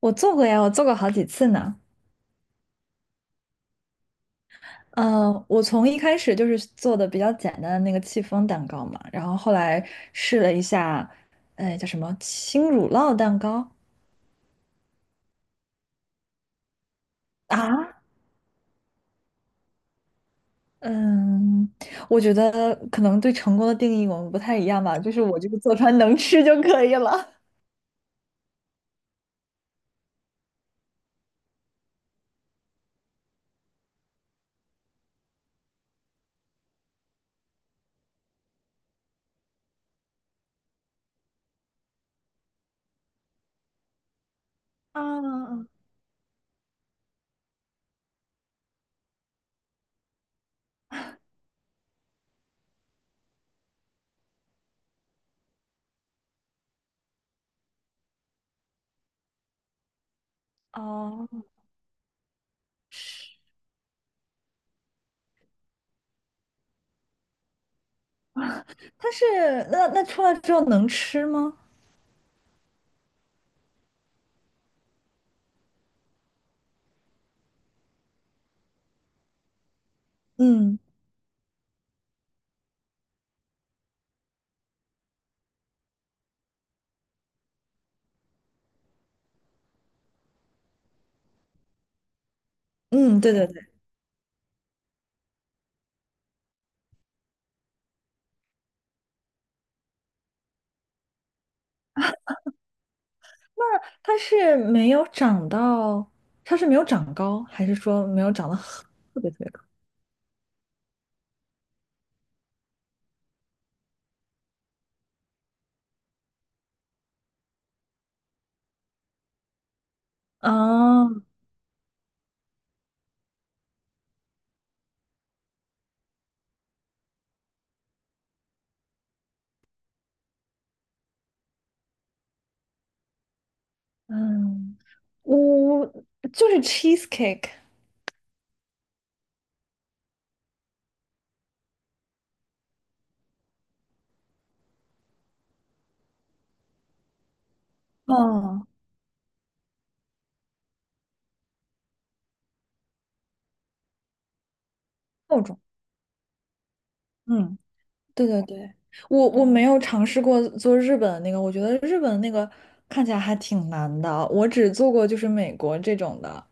我做过呀，我做过好几次呢。嗯，我从一开始就是做的比较简单的那个戚风蛋糕嘛，然后后来试了一下，哎，叫什么轻乳酪蛋糕啊？嗯，我觉得可能对成功的定义我们不太一样吧，就是我这个做出来能吃就可以了。啊，哦，是，它是那那出来之后能吃吗？嗯嗯，对对对。它是没有长到，它是没有长高，还是说没有长得很特别特别高？啊？嗯，我就是 cheesecake 哦，厚重。嗯，对对对，我没有尝试过做日本的那个，我觉得日本的那个看起来还挺难的，我只做过就是美国这种的。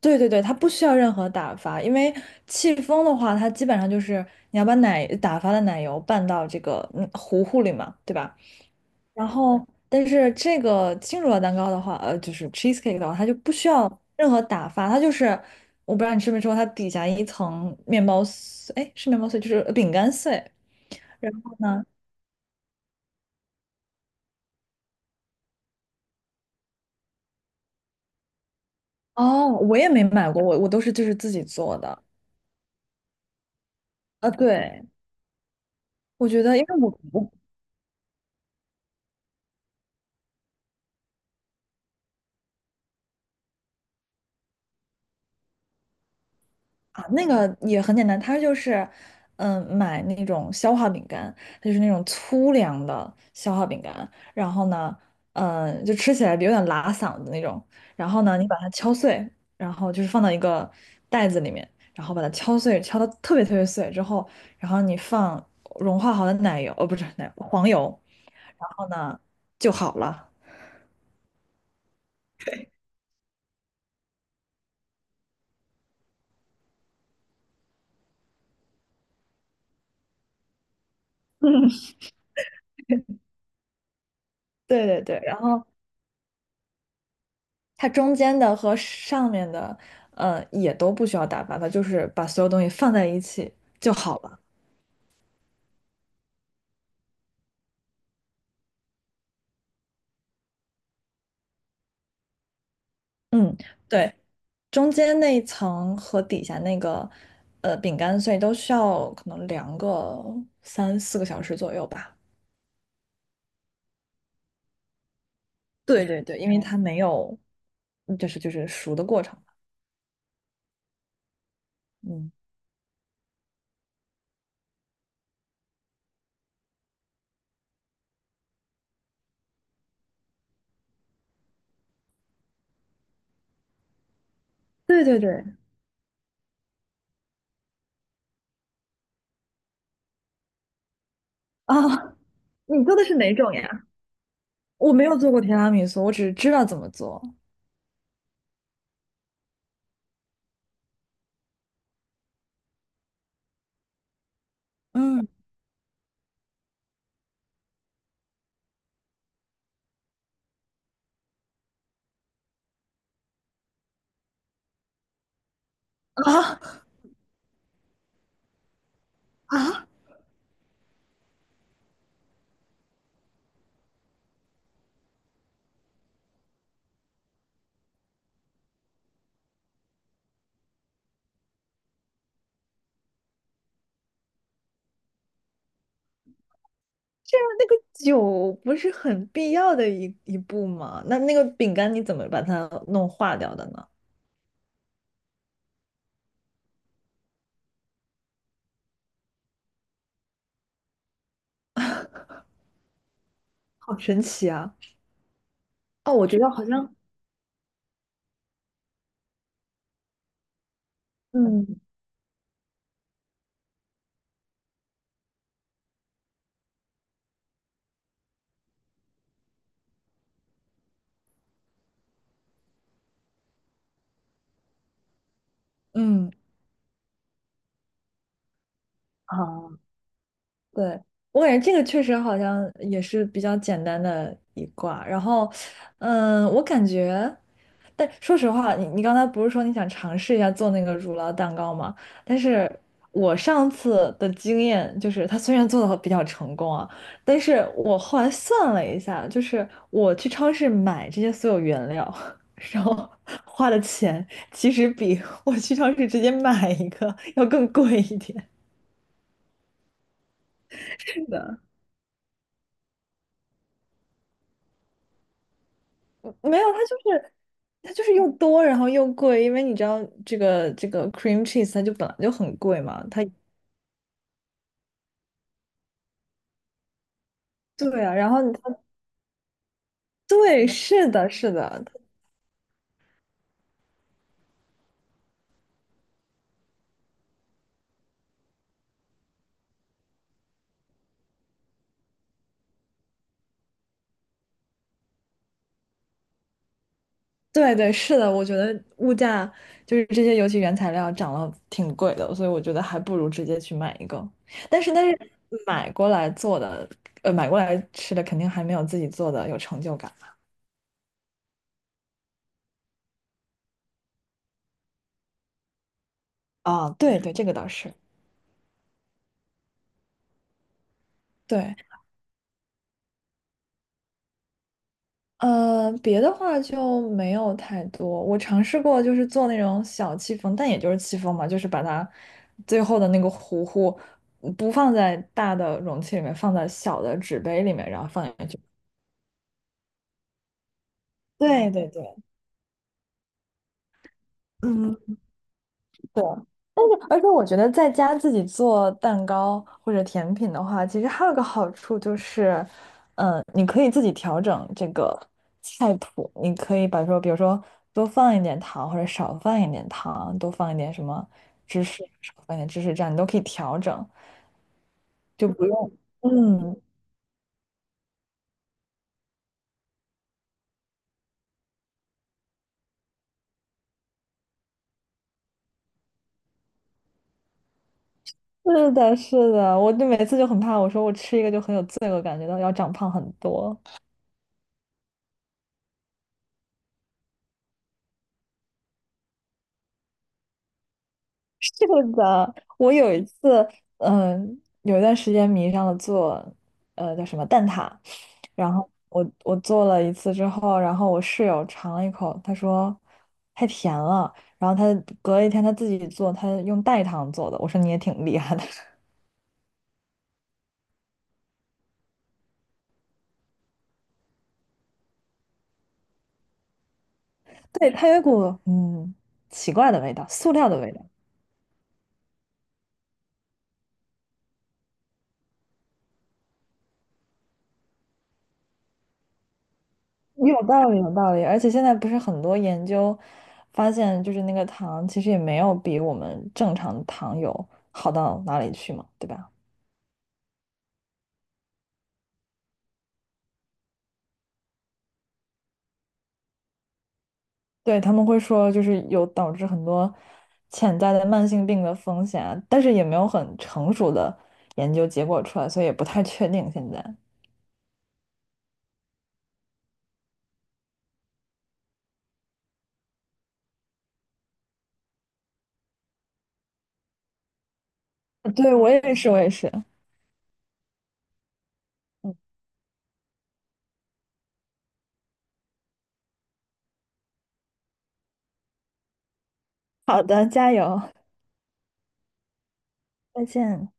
对对对，它不需要任何打发，因为戚风的话，它基本上就是你要把奶打发的奶油拌到这个糊糊里嘛，对吧？然后，但是这个轻乳酪蛋糕的话，就是 cheesecake 的话，它就不需要任何打发，它就是我不知道你吃没吃过，它底下一层面包碎，哎，是面包碎，就是饼干碎。然后呢，哦，我也没买过，我都是就是自己做的。啊，对，我觉得因为我我啊，那个也很简单，它就是，嗯，买那种消化饼干，它就是那种粗粮的消化饼干，然后呢，嗯，就吃起来有点拉嗓子那种，然后呢，你把它敲碎，然后就是放到一个袋子里面，然后把它敲碎，敲到特别特别碎之后，然后你放融化好的奶油，哦，不是奶，黄油，然后呢就好了。对对对，然后。它中间的和上面的，也都不需要打发，它就是把所有东西放在一起就好了。嗯，对，中间那一层和底下那个，饼干碎都需要可能凉个3、4个小时左右吧。对对对，因为它没有，就是就是熟的过程。嗯，对对对 啊，你做的是哪种呀？我没有做过提拉米苏，我只是知道怎么做。嗯啊啊！这样那个酒不是很必要的一步吗？那那个饼干你怎么把它弄化掉的呢？好神奇啊！哦，我觉得好像，嗯嗯，啊？对，我感觉这个确实好像也是比较简单的一卦。然后，嗯，我感觉，但说实话，你刚才不是说你想尝试一下做那个乳酪蛋糕吗？但是我上次的经验就是，它虽然做的比较成功啊，但是我后来算了一下，就是我去超市买这些所有原料，然后花的钱其实比我去超市直接买一个要更贵一点。是的，没有，它就是又多，然后又贵，因为你知道这个 cream cheese 它就本来就很贵嘛，它对啊，然后它对，是的，是的，对对是的，我觉得物价就是这些，尤其原材料涨了挺贵的，所以我觉得还不如直接去买一个。但是买过来做的，买过来吃的肯定还没有自己做的有成就感啊。对对，这个倒是对。呃，别的话就没有太多。我尝试过，就是做那种小戚风，但也就是戚风嘛，就是把它最后的那个糊糊不放在大的容器里面，放在小的纸杯里面，然后放进去。对对对，嗯。对，但是而且我觉得在家自己做蛋糕或者甜品的话，其实还有个好处就是，嗯，你可以自己调整这个菜谱，你可以把说，比如说多放一点糖或者少放一点糖，多放一点什么芝士，少放一点芝士，这样你都可以调整，就不用。嗯，是的，是的，我就每次就很怕，我说我吃一个就很有罪恶感，觉到要长胖很多。是的，我有一次，嗯，有一段时间迷上了做，叫什么蛋挞，然后我做了一次之后，然后我室友尝了一口，他说太甜了，然后他隔了一天他自己做，他用代糖做的，我说你也挺厉害的，对，它有一股嗯奇怪的味道，塑料的味道。有道理，有道理，而且现在不是很多研究发现，就是那个糖其实也没有比我们正常的糖有好到哪里去嘛，对吧？对，他们会说就是有导致很多潜在的慢性病的风险啊但是也没有很成熟的研究结果出来，所以也不太确定现在。对，我也是，我也是。嗯，好的，加油，再见。